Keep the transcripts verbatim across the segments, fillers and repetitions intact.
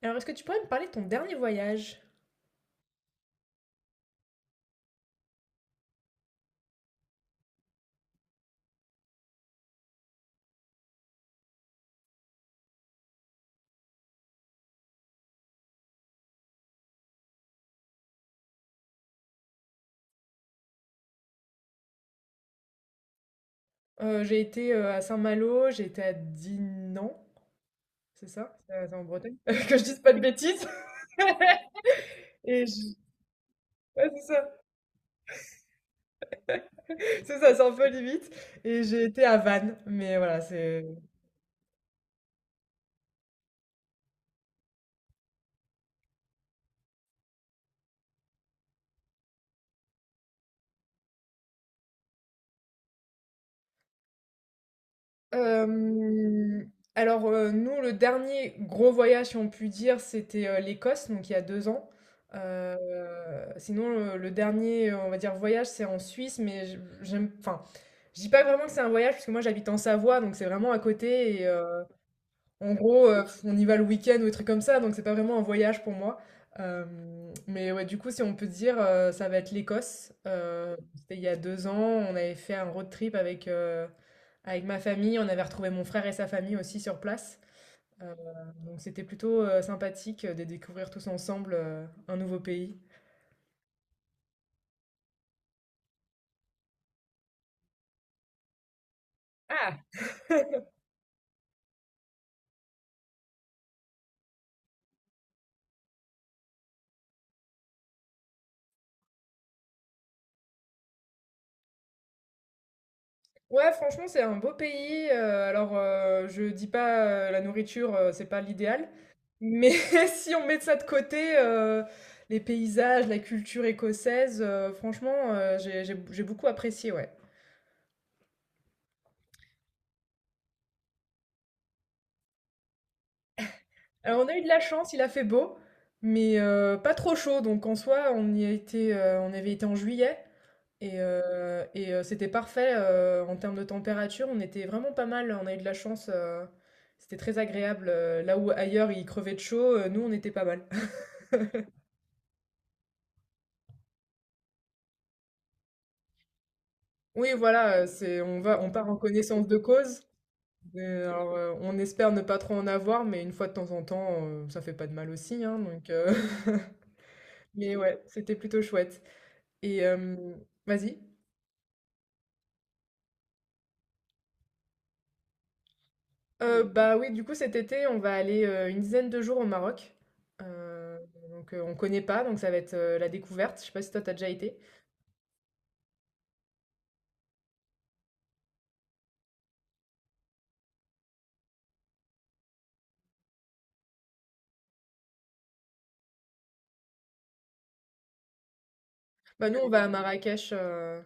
Alors, est-ce que tu pourrais me parler de ton dernier voyage? Euh, j'ai été euh, à Saint-Malo, j'ai été à Dinan, c'est ça? C'est euh, c'est en Bretagne? Que je dise pas de bêtises. Et je- ouais, c'est ça, c'est ça, c'est un peu limite. Et j'ai été à Vannes, mais voilà, c'est Hem, alors, heu, nous, le dernier gros voyage, si on peut dire, c'était, heu, l'Écosse, donc il y a deux ans. Heu, Sinon, le le dernier, heu, on va dire, voyage, c'est en Suisse, mais je j'aime, enfin, je dis pas vraiment que c'est un voyage, parce que moi, j'habite en Savoie, donc c'est vraiment à côté. En gros, heu, on y va le week-end ou des trucs comme ça, donc c'est pas vraiment un voyage pour moi. Hem, mais ouais, du coup, si on peut dire, heu, ça va être l'Écosse. Heu, c'était il y a deux ans, on avait fait un road trip avec, heu, avec ma famille. On avait retrouvé mon frère et sa famille aussi sur place. Heu, donc c'était plutôt, heu, sympathique, euh, de découvrir tous ensemble, heu, un nouveau pays. Ouais, franchement, c'est un beau pays. euh, alors, euh, je dis pas, euh, la nourriture, euh, c'est pas l'idéal, mais si on met ça de côté, euh, les paysages, la culture écossaise, euh, franchement, euh, j'ai, j'ai- j'ai beaucoup apprécié, ouais. Alors, on a eu de la chance, il a fait beau, mais euh, pas trop chaud. Donc, en soi, on y a été, euh, on avait été en juillet et, euh, et, euh, c'était parfait, euh, en termes de température. On était vraiment pas mal. On a eu de la chance. Euh, c'était très agréable. Euh, là où ailleurs il crevait de chaud, euh, nous on était pas mal. Oui, voilà. Euh, C'est, on va, on part en connaissance de cause. Euh, alors, euh, on espère ne pas trop en avoir, mais une fois de temps en temps, euh, ça fait pas de mal aussi, hein, donc. euh, Mais ouais, c'était plutôt chouette. Et euh, vas-y. Heu, bah, oui, du coup, cet été, on va aller, heu, une dizaine de jours au Maroc. Heu, donc heu, on connaît pas, donc ça va être, heu, la découverte. Je sais pas si toi, t'as déjà été? Bah, nous, on va à Marrakech, heu,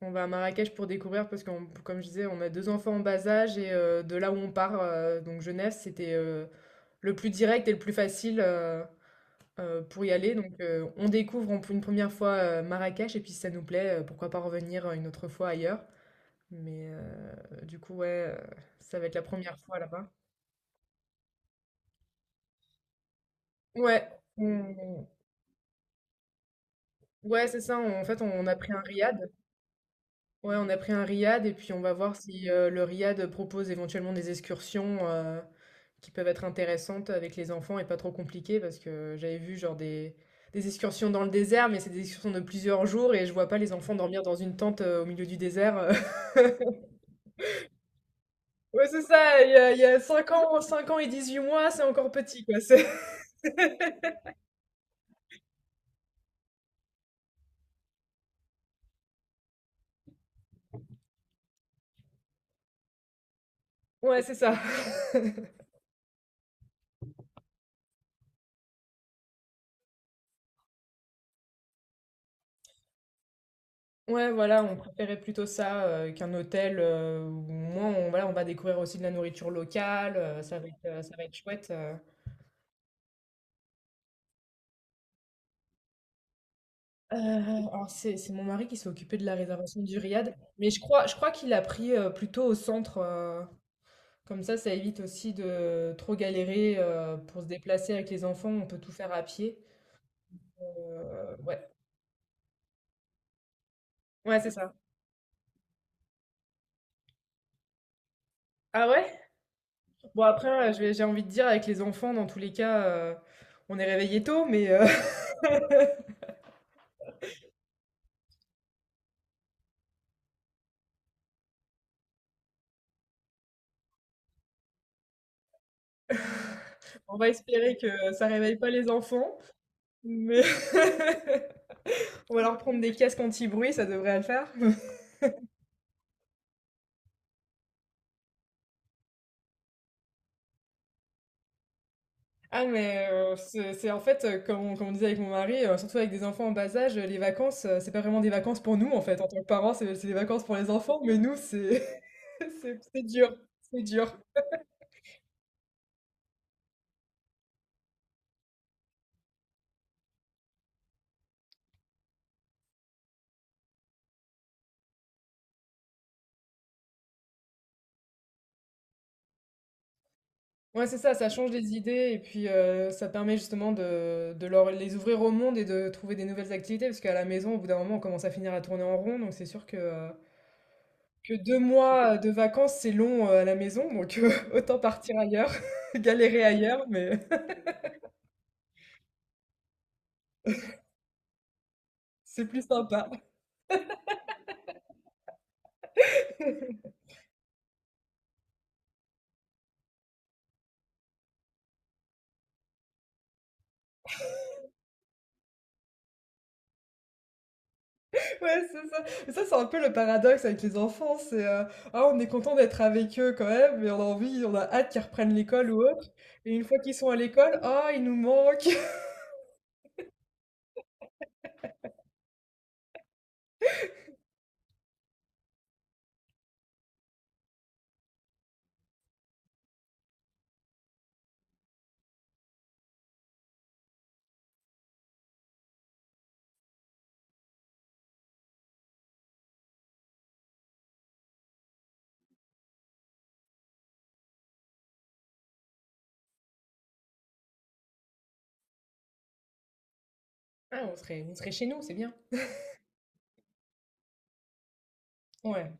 on va à Marrakech pour découvrir, parce que comme je disais, on a deux enfants en bas âge et heu, de là où on part, heu, donc Genève, c'était, heu, le plus direct et le plus facile, heu heu, pour y aller. Donc, heu, on découvre en une première fois, heu, Marrakech, et puis si ça nous plaît, heu, pourquoi pas revenir, euh, une autre fois ailleurs. Mais heu, du coup, ouais, heu, ça va être la première fois là-bas. Ouais, on- ouais, c'est ça. on- En fait, on a pris un riad. Ouais, on a pris un riad et puis on va voir si euh, le riad propose éventuellement des excursions euh, qui peuvent être intéressantes avec les enfants et pas trop compliquées, parce que j'avais vu genre des, des excursions dans le désert, mais c'est des excursions de plusieurs jours et je vois pas les enfants dormir dans une tente euh, au milieu du désert. Ouais, c'est ça. Il y a, il y a cinq ans, cinq ans et dix-huit mois, c'est encore petit, quoi. c'est- Ouais, c'est ça. Ouais, voilà, on préférait plutôt ça, heu, qu'un hôtel, heu, où au moins on, voilà, on va découvrir aussi de la nourriture locale, heu, ça va être, heu, ça va être chouette, heu. Heu, alors, c'est c'est mon mari qui s'est occupé de la réservation du riad, mais je crois je crois qu'il a pris, heu, plutôt au centre, heu, comme ça, ça évite aussi de trop galérer, heu, pour se déplacer avec les enfants, on peut tout faire à pied. Heu, ouais. Ouais, c'est ça. Ah ouais? Bon, après, heu, je vais j'ai envie de dire, avec les enfants dans tous les cas, heu, on est réveillé tôt, mais, heu On va espérer que ça réveille pas les enfants, mais on va leur prendre des casques anti-bruit, ça devrait le faire. Ah, mais euh, c'est c'est en fait, euh, comme on, comme on disait avec mon mari, euh, surtout avec des enfants en bas âge, euh, les vacances, euh, c'est pas vraiment des vacances pour nous en fait. En tant que parents, c'est c'est des vacances pour les enfants, mais nous, c'est c'est c'est dur, c'est dur. Ouais, c'est ça, ça change les idées et puis euh, ça permet justement de, de leur, les ouvrir au monde et de trouver des nouvelles activités, parce qu'à la maison, au bout d'un moment, on commence à finir à tourner en rond, donc c'est sûr que... euh, que deux mois de vacances, c'est long, euh, à la maison, donc euh, autant partir ailleurs, galérer ailleurs, mais c'est plus sympa. Ouais, c'est ça. Mais ça, c'est un peu le paradoxe avec les enfants, c'est euh, ah, on est content d'être avec eux quand même, mais on a envie, on a hâte qu'ils reprennent l'école ou autre. Et une fois qu'ils sont à l'école, ah, ils nous manquent. Ah, on serait, on serait chez nous, c'est bien. Ouais.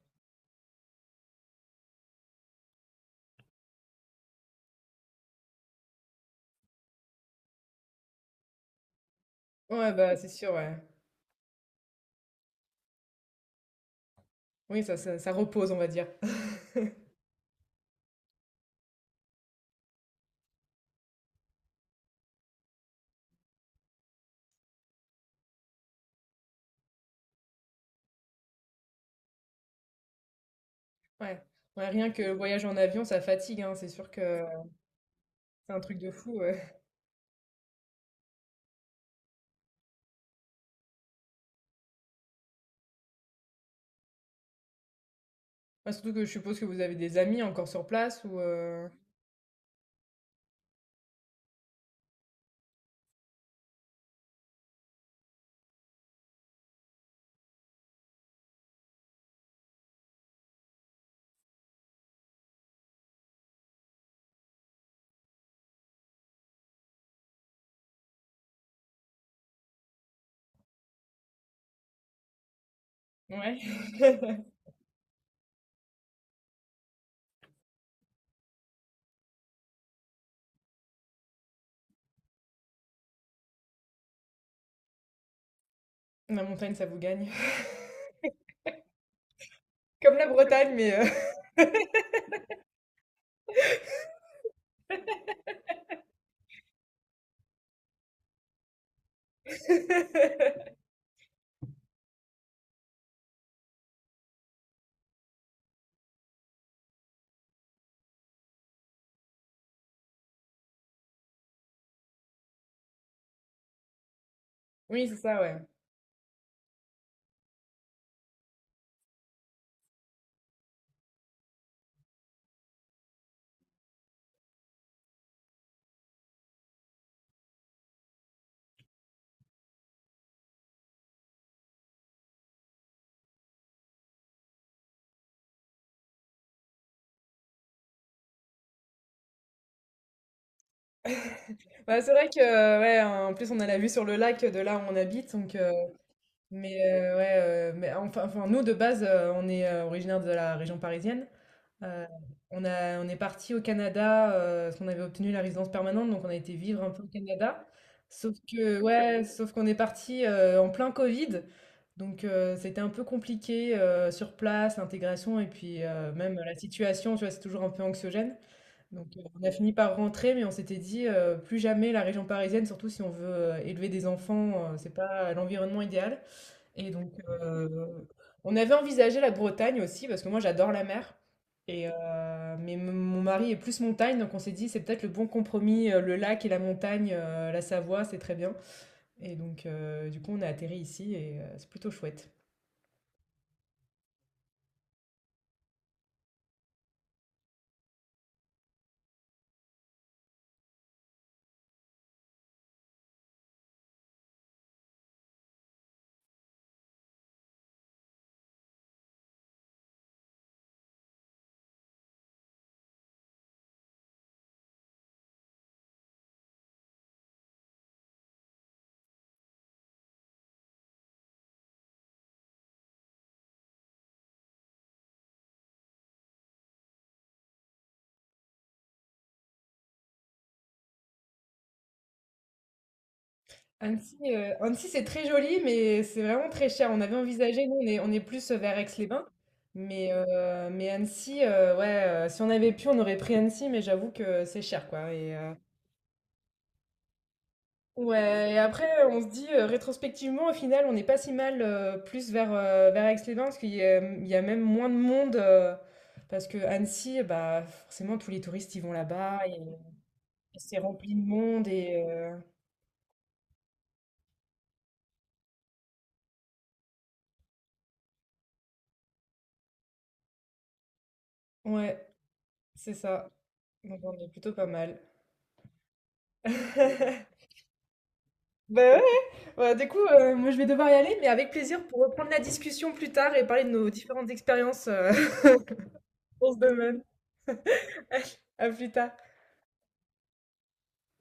Ouais, bah c'est sûr, ouais. Oui, ça, ça, ça repose, on va dire. Ouais. Ouais, rien que le voyage en avion, ça fatigue, hein, c'est sûr que c'est un truc de fou, ouais. Bah, surtout que je suppose que vous avez des amis encore sur place, ou heu? Ouais. La montagne, ça vous gagne. Comme la Bretagne, mais heu oui, c'est ça, ouais. Bah, c'est vrai que, euh, ouais, en plus, on a la vue sur le lac de là où on habite, donc heu mais heu, ouais, heu, mais enfin enfin, nous, de base, heu, on est, heu, originaires de la région parisienne. Euh, on a, on est parti au Canada, euh, parce qu'on avait obtenu la résidence permanente, donc on a été vivre un peu au Canada. Sauf que, ouais, sauf qu'on est parti euh, en plein Covid, donc euh, c'était un peu compliqué, euh, sur place, l'intégration. Et puis euh, même la situation, tu vois, c'est toujours un peu anxiogène. Donc, euh, on a fini par rentrer, mais on s'était dit, euh, plus jamais la région parisienne, surtout si on veut euh, élever des enfants, euh, c'est pas l'environnement idéal. Et donc, euh, on avait envisagé la Bretagne aussi, parce que moi j'adore la mer. Et euh, mais m- mon mari est plus montagne, donc on s'est dit, c'est peut-être le bon compromis, euh, le lac et la montagne, euh, la Savoie, c'est très bien. Et donc, euh, du coup, on a atterri ici et euh, c'est plutôt chouette. Annecy, euh, Annecy, c'est très joli, mais c'est vraiment très cher. On avait envisagé, nous, on est, on est plus vers Aix-les-Bains. Mais, euh, mais Annecy, euh, ouais, euh, si on avait pu, on aurait pris Annecy, mais j'avoue que c'est cher, quoi. Et, euh, Ouais, et après, euh, on se dit, euh, rétrospectivement, au final, on n'est pas si mal, euh, plus vers, euh, vers Aix-les-Bains, parce qu'il y a, il y a même moins de monde, euh, parce que Annecy, bah, forcément, tous les touristes, ils vont là-bas, et, et c'est rempli de monde, et... euh, ouais, c'est ça. Donc, on est plutôt pas mal. Bah ouais, ouais, du coup, euh, moi, je vais devoir y aller, mais avec plaisir pour reprendre la discussion plus tard et parler de nos différentes expériences, euh, dans ce domaine. À plus tard.